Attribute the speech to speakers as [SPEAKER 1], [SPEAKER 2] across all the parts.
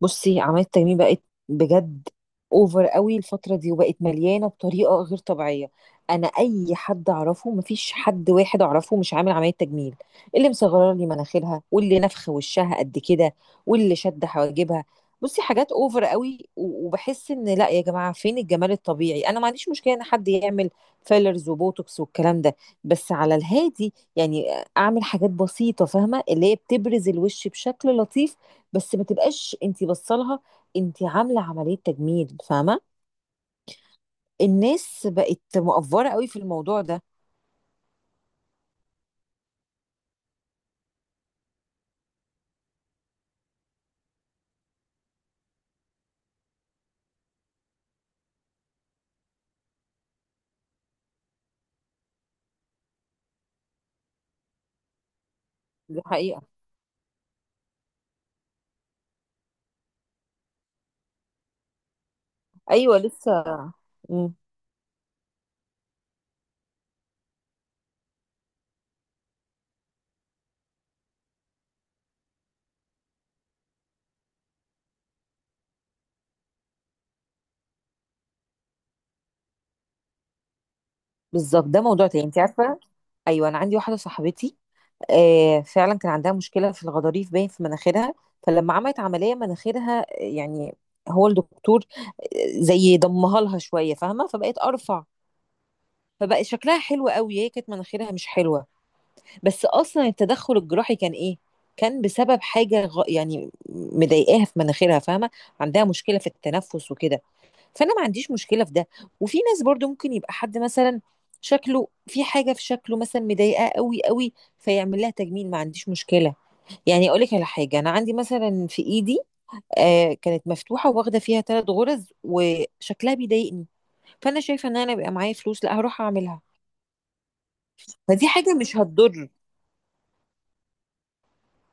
[SPEAKER 1] بصي، عملية التجميل بقت بجد اوفر قوي الفترة دي وبقت مليانة بطريقة غير طبيعية. انا اي حد اعرفه مفيش حد واحد اعرفه مش عامل عملية تجميل. اللي مصغره لي مناخيرها، واللي نفخ وشها قد كده، واللي شد حواجبها. بصي حاجات اوفر قوي و- وبحس ان لا يا جماعة، فين الجمال الطبيعي؟ انا ما عنديش مشكلة ان حد يعمل فيلرز وبوتوكس والكلام ده، بس على الهادي يعني. اعمل حاجات بسيطة فاهمة، اللي هي بتبرز الوش بشكل لطيف. بس ما تبقاش انت بصلها انت عامله عمليه تجميل، فاهمه. الناس بقت مقفوره قوي في الموضوع ده. دي حقيقه. ايوه لسه. مم. بالظبط، ده موضوع تاني، انت عارفه. ايوه انا عندي واحده صاحبتي، آه فعلا كان عندها مشكله في الغضاريف باين في مناخيرها. فلما عملت عمليه مناخيرها، يعني هو الدكتور زي ضمها لها شويه فاهمه، فبقت ارفع. فبقى شكلها حلو قوي، هي كانت مناخيرها مش حلوه. بس اصلا التدخل الجراحي كان ايه؟ كان بسبب حاجه يعني مضايقاها في مناخيرها، فاهمه. عندها مشكله في التنفس وكده. فانا ما عنديش مشكله في ده. وفي ناس برضو ممكن يبقى حد مثلا شكله، في حاجه في شكله مثلا مضايقاه قوي قوي، فيعمل لها تجميل، ما عنديش مشكله. يعني اقول لك على حاجه، انا عندي مثلا في ايدي، آه كانت مفتوحه واخده فيها 3 غرز وشكلها بيضايقني. فانا شايفه ان انا بيبقى معايا فلوس لا هروح اعملها. فدي حاجه مش هتضر،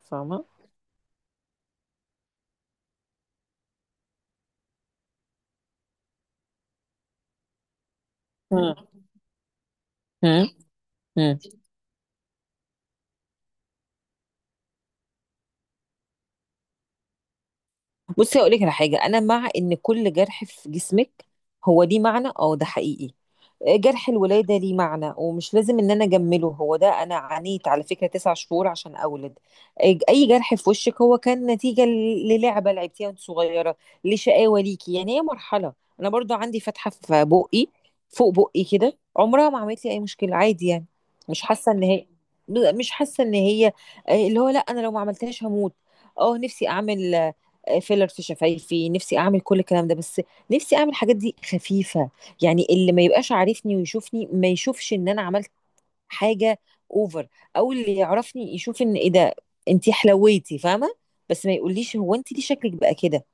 [SPEAKER 1] فاهمه. مم. مم. بصي هقول لك على حاجه، انا مع ان كل جرح في جسمك هو ليه معنى، اه ده حقيقي. جرح الولاده ليه معنى، ومش لازم ان انا اجمله. هو ده، انا عانيت على فكره 9 شهور عشان اولد. اي جرح في وشك هو كان نتيجه ل- للعبه لعبتيها وانت صغيره، لشقاوه ليكي. يعني هي مرحله. انا برضو عندي فتحه في بقي، فوق بقي كده، عمرها ما عملت لي اي مشكله عادي يعني. مش حاسه ان هي مش حاسه ان هي اللي هو لا، انا لو ما عملتهاش هموت. اه نفسي اعمل فيلر في شفايفي، نفسي اعمل كل الكلام ده، بس نفسي اعمل الحاجات دي خفيفه، يعني اللي ما يبقاش عارفني ويشوفني ما يشوفش ان انا عملت حاجه اوفر. او اللي يعرفني يشوف ان ايه ده، انتي حلويتي، فاهمه. بس ما يقوليش هو انتي ليه شكلك بقى كده.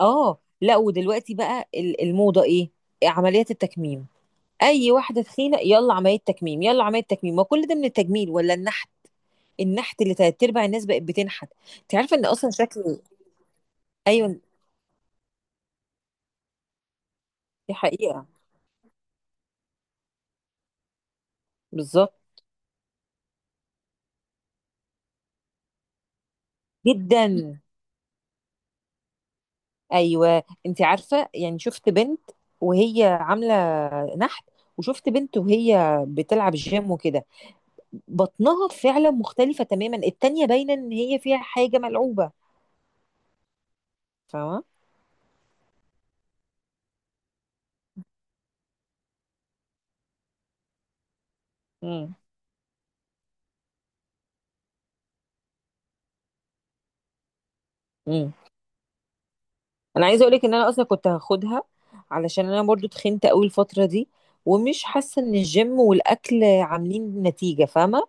[SPEAKER 1] اه. لا ودلوقتي بقى ال- الموضه ايه؟ عمليات التكميم. اي واحده تخينه، يلا عمليه تكميم يلا عمليه تكميم. ما كل ده من التجميل، ولا النحت؟ النحت اللي تلات ارباع الناس بقت بتنحت. انت عارفه ان اصلا شكل. ايوه دي حقيقه. بالظبط جدا. ايوه انت عارفه، يعني شفت بنت وهي عامله نحت، وشفت بنت وهي بتلعب جيم وكده، بطنها فعلا مختلفه تماما. التانيه باينه ان هي فيها حاجه ملعوبه، فاهمه. امم. امم. انا عايزه اقول لك ان انا اصلا كنت هاخدها، علشان انا برضو تخنت قوي الفتره دي، ومش حاسه ان الجيم والاكل عاملين نتيجه، فاهمه.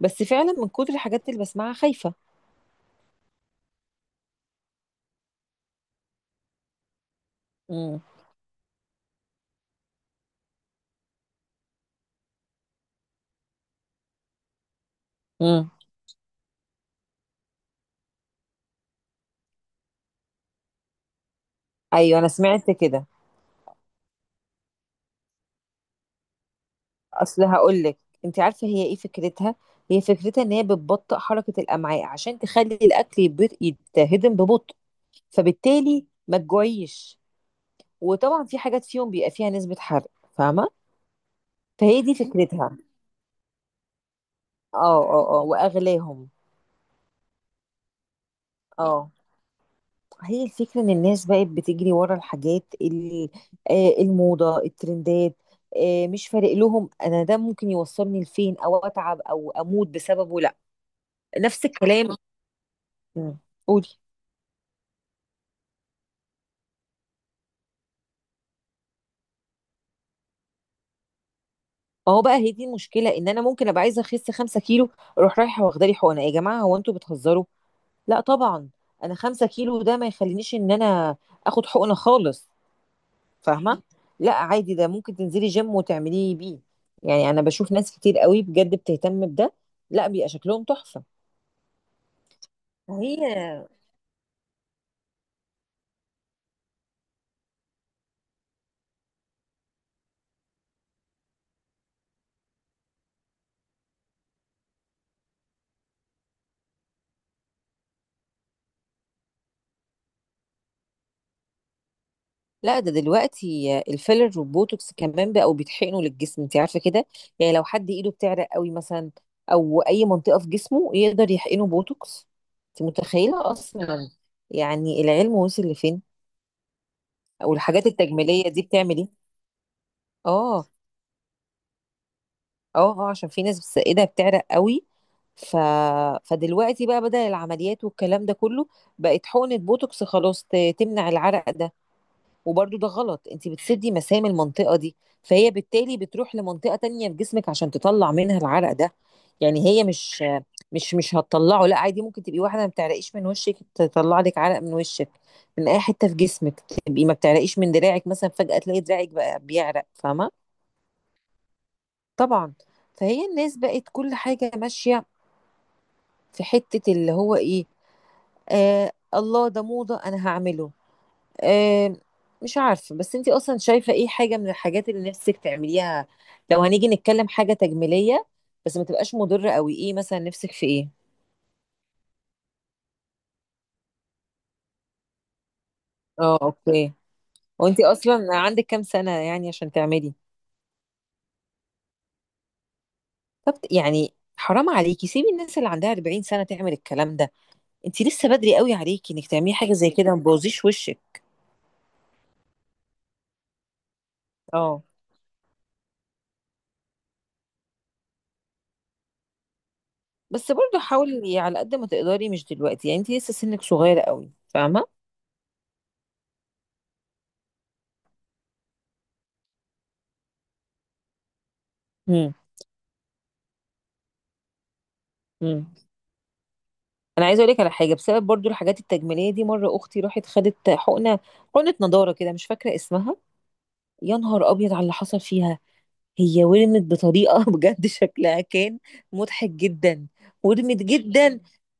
[SPEAKER 1] بس فعلا من كتر الحاجات اللي بسمعها خايفه. امم. امم. ايوه انا سمعت كده. اصل هقول لك، انت عارفه هي ايه فكرتها؟ هي فكرتها ان هي بتبطئ حركه الامعاء عشان تخلي الاكل يب- يتهضم ببطء، فبالتالي ما تجوعيش. وطبعا في حاجات فيهم بيبقى فيها نسبه حرق، فاهمه. فهي دي فكرتها. اه. اه اه، واغلاهم. اه، هي الفكره ان الناس بقت بتجري ورا الحاجات اللي الموضه، الترندات. مش فارق لهم، انا ده ممكن يوصلني لفين، او اتعب او اموت بسببه، لا. نفس الكلام. مم. قولي. ما هو بقى هي دي المشكله، ان انا ممكن ابقى عايزه اخس 5 كيلو، اروح رايحه واخده لي حقنه. يا جماعه هو انتوا بتهزروا؟ لا طبعا. انا 5 كيلو ده ما يخلينيش ان انا اخد حقنه خالص، فاهمه. لا عادي، ده ممكن تنزلي جيم وتعمليه بيه. يعني انا بشوف ناس كتير قوي بجد بتهتم بده، لا بيبقى شكلهم تحفه. هي. لا ده دلوقتي الفيلر والبوتوكس كمان بقوا بيتحقنوا للجسم، انت عارفه كده. يعني لو حد ايده بتعرق قوي مثلا، او اي منطقه في جسمه، يقدر يحقنه بوتوكس. انت متخيله اصلا يعني العلم وصل لفين؟ او الحاجات التجميليه دي بتعمل ايه. اه. اه اه عشان في ناس بس ايدها بتعرق قوي، ف... فدلوقتي بقى بدل العمليات والكلام ده كله، بقت حقنه بوتوكس خلاص ت- تمنع العرق ده. وبرضو ده غلط، انت بتسدي مسام المنطقة دي، فهي بالتالي بتروح لمنطقة تانية في جسمك عشان تطلع منها العرق ده. يعني هي مش هتطلعه. لا عادي، ممكن تبقي واحدة ما بتعرقيش من وشك، تطلع لك عرق من وشك، من اي حتة في جسمك. تبقي ما بتعرقيش من دراعك مثلا، فجأة تلاقي دراعك بقى بيعرق، فاهمة. طبعا. فهي الناس بقت كل حاجة ماشية، في حتة اللي هو ايه، آه الله ده موضة انا هعمله. آه، مش عارفة. بس انتي اصلا شايفة ايه حاجة من الحاجات اللي نفسك تعمليها، لو هنيجي نتكلم حاجة تجميلية بس ما تبقاش مضرة قوي؟ ايه مثلا نفسك في ايه؟ اه اوكي. وانتي اصلا عندك كام سنة يعني عشان تعملي؟ طب يعني حرام عليكي، سيبي الناس اللي عندها 40 سنة تعمل الكلام ده. انتي لسه بدري قوي عليكي انك تعملي حاجة زي كده، ما تبوظيش وشك. اه. بس برضه حاولي على قد ما تقدري مش دلوقتي، يعني انتي لسه سنك صغير قوي، فاهمة. امم. انا عايزه اقول لك على حاجه، بسبب برضو الحاجات التجميليه دي، مره اختي راحت خدت حقنه، حقنه نضاره كده مش فاكره اسمها. يا نهار ابيض على اللي حصل فيها، هي ورمت بطريقه بجد شكلها كان مضحك جدا. ورمت جدا.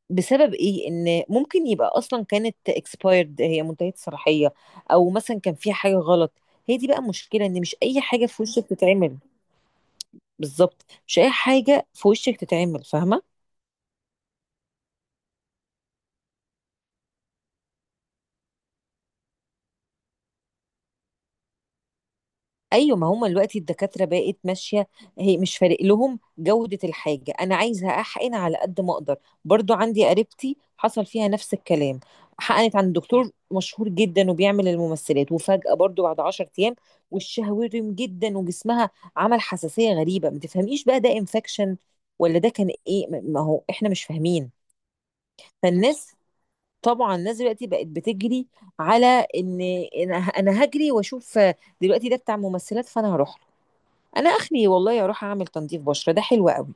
[SPEAKER 1] بسبب ايه؟ ان ممكن يبقى اصلا كانت اكسبايرد، هي منتهيه الصلاحيه، او مثلا كان فيها حاجه غلط. هي دي بقى مشكله، ان مش اي حاجه في وشك تتعمل. بالظبط، مش اي حاجه في وشك تتعمل، فاهمه. ايوه، ما هم دلوقتي الدكاتره بقت ماشيه. هي مش فارق لهم جوده الحاجه، انا عايزه احقن على قد ما اقدر. برضو عندي قريبتي حصل فيها نفس الكلام، حقنت عند دكتور مشهور جدا وبيعمل الممثلات، وفجاه برضو بعد 10 ايام وشها ورم جدا وجسمها عمل حساسيه غريبه. ما تفهميش بقى ده انفكشن ولا ده كان ايه، ما هو احنا مش فاهمين. فالناس، طبعا الناس دلوقتي بقت بتجري على، ان، إن انا هجري واشوف دلوقتي ده بتاع ممثلات فانا هروح. انا اخلي والله اروح اعمل تنظيف بشره ده حلو قوي.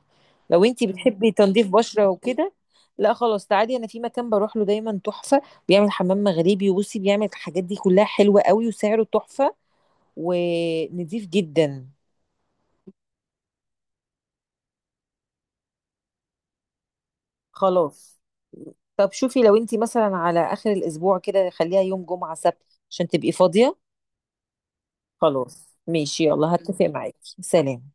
[SPEAKER 1] لو انتي بتحبي تنظيف بشره وكده، لا خلاص تعالي، انا في مكان بروح له دايما تحفه، بيعمل حمام مغربي، وبصي بيعمل الحاجات دي كلها حلوه قوي، وسعره تحفه، ونضيف جدا. خلاص. طب شوفي لو انتي مثلا على اخر الاسبوع كده، خليها يوم جمعه سبت عشان تبقي فاضيه. خلاص ماشي يلا، هتفق معاكي، سلام.